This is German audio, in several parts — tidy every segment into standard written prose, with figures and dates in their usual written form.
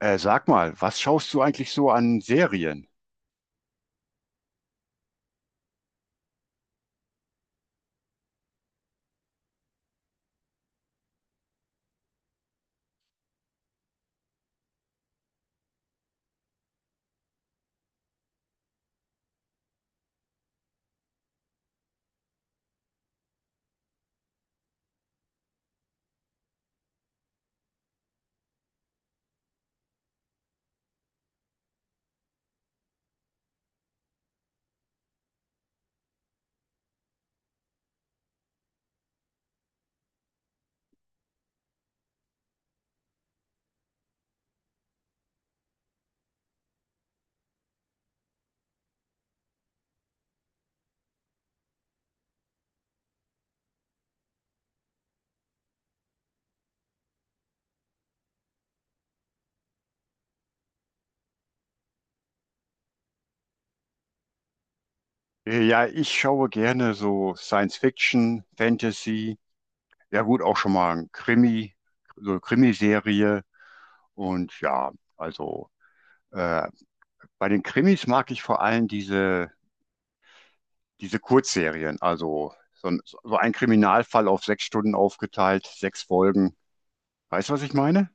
Sag mal, was schaust du eigentlich so an Serien? Ja, ich schaue gerne so Science Fiction, Fantasy, ja gut, auch schon mal ein Krimi, so eine Krimiserie. Und ja, also äh, bei den Krimis mag ich vor allem diese Kurzserien, also so ein Kriminalfall auf sechs Stunden aufgeteilt, sechs Folgen. Weißt du, was ich meine?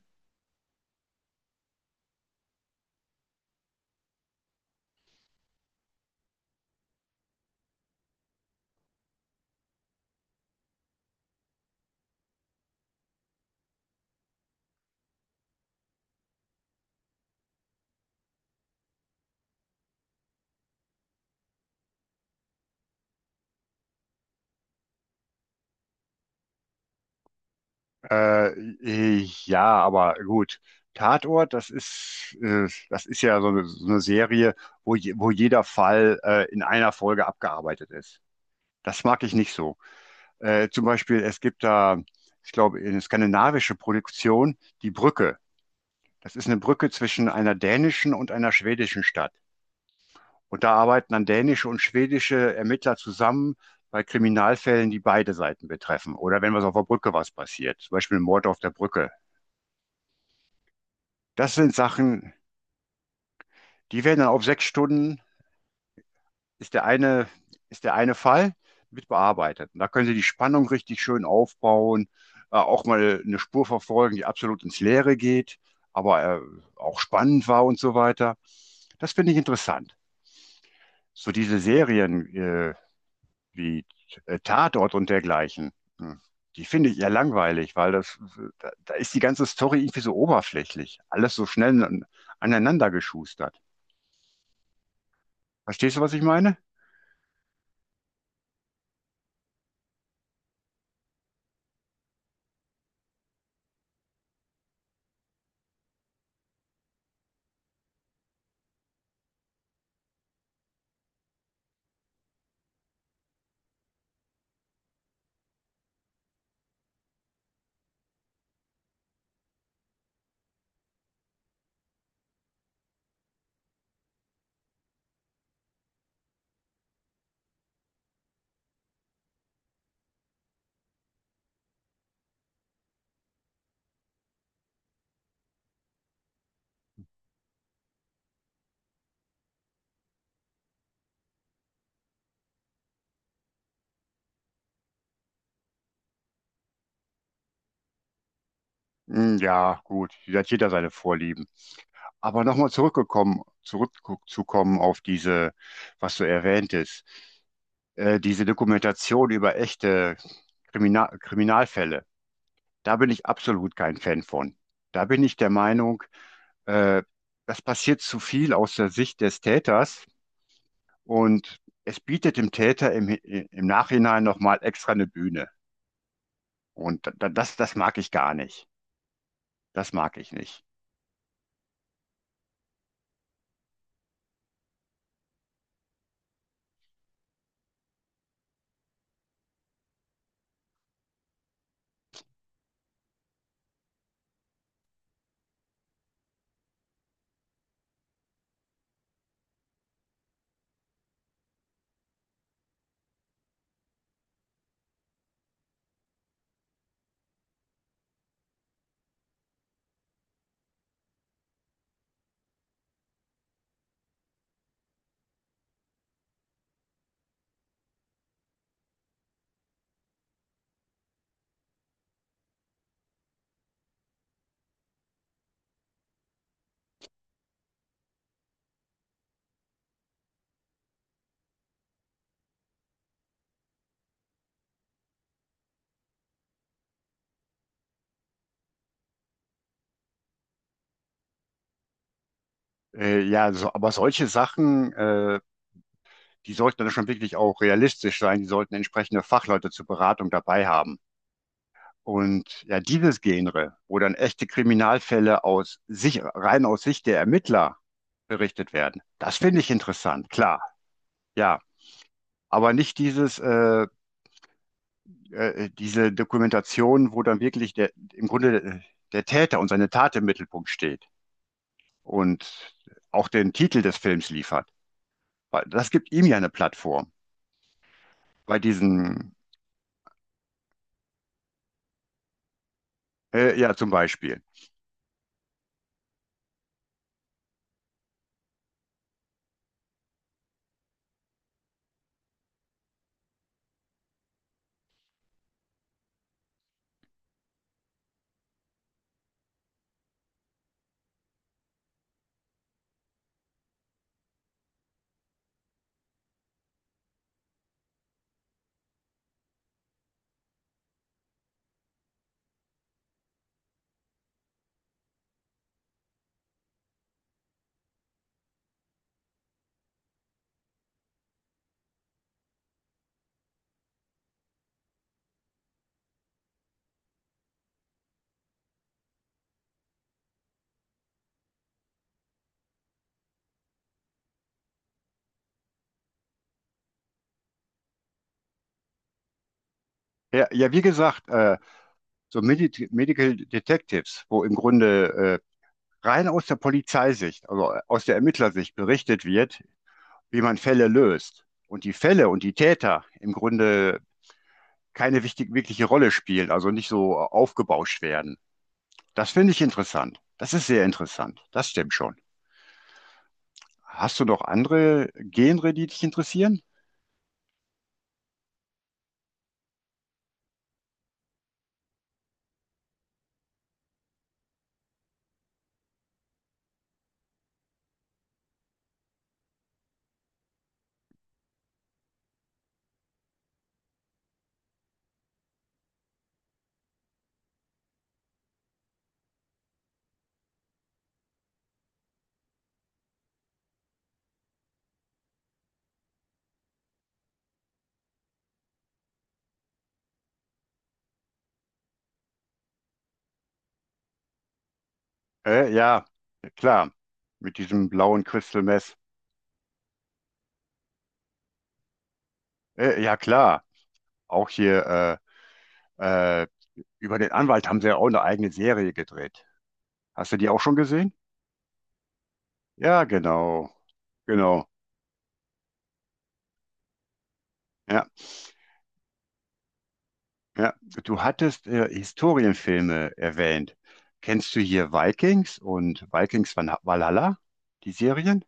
Äh, ja, aber gut. Tatort, das ist ja so eine Serie, wo jeder Fall in einer Folge abgearbeitet ist. Das mag ich nicht so. Zum Beispiel, ich glaube, eine skandinavische Produktion, Die Brücke. Das ist eine Brücke zwischen einer dänischen und einer schwedischen Stadt. Und da arbeiten dann dänische und schwedische Ermittler zusammen bei Kriminalfällen, die beide Seiten betreffen. Oder wenn was auf der Brücke was passiert, zum Beispiel ein Mord auf der Brücke. Das sind Sachen, die werden dann auf sechs Stunden, ist der eine, ist der eine Fall mit bearbeitet. Und da können Sie die Spannung richtig schön aufbauen, auch mal eine Spur verfolgen, die absolut ins Leere geht, aber auch spannend war und so weiter. Das finde ich interessant. So diese Serien wie Tatort und dergleichen, hm, die finde ich eher langweilig, weil da ist die ganze Story irgendwie so oberflächlich, alles so schnell aneinander geschustert. Verstehst du, was ich meine? Ja, gut, da hat jeder seine Vorlieben. Aber zurückzukommen auf diese, was du erwähntest, diese Dokumentation über echte Kriminalfälle. Da bin ich absolut kein Fan von. Da bin ich der Meinung, äh, das passiert zu viel aus der Sicht des Täters und es bietet dem Täter im Nachhinein nochmal extra eine Bühne. Und das mag ich gar nicht. Das mag ich nicht. Ja, so, aber solche Sachen, die sollten dann schon wirklich auch realistisch sein. Die sollten entsprechende Fachleute zur Beratung dabei haben. Und ja, dieses Genre, wo dann echte Kriminalfälle rein aus Sicht der Ermittler berichtet werden, das finde ich interessant, klar. Ja, aber nicht diese Dokumentation, wo dann wirklich im Grunde der Täter und seine Tat im Mittelpunkt steht und auch den Titel des Films liefert. Weil das gibt ihm ja eine Plattform bei diesen. Ja, zum Beispiel. Ja, ja, wie gesagt, so Medical Detectives, wo im Grunde rein aus der Polizeisicht, also aus der Ermittlersicht berichtet wird, wie man Fälle löst und die Fälle und die Täter im Grunde keine wichtig, wirkliche Rolle spielen, also nicht so aufgebauscht werden. Das finde ich interessant. Das ist sehr interessant. Das stimmt schon. Hast du noch andere Genre, die dich interessieren? Ja, klar. Mit diesem blauen Crystal Meth. Ja, klar. Auch hier. Äh, Über den Anwalt haben sie ja auch eine eigene Serie gedreht. Hast du die auch schon gesehen? Ja, genau. Genau. Ja, ja. Du hattest Historienfilme erwähnt. Kennst du hier Vikings und Vikings von Valhalla, die Serien?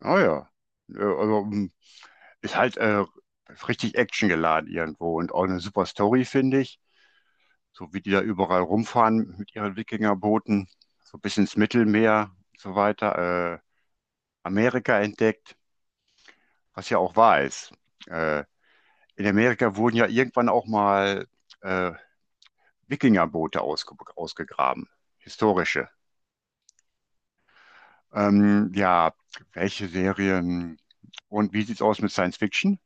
Ah ja. Also, ist halt richtig actiongeladen irgendwo und auch eine super Story, finde ich. So wie die da überall rumfahren mit ihren Wikingerbooten, so bis ins Mittelmeer und so weiter. Amerika entdeckt, was ja auch wahr ist. Äh, in Amerika wurden ja irgendwann auch mal äh, Wikingerboote ausgegraben, historische. Ja, welche Serien und wie sieht's aus mit Science Fiction?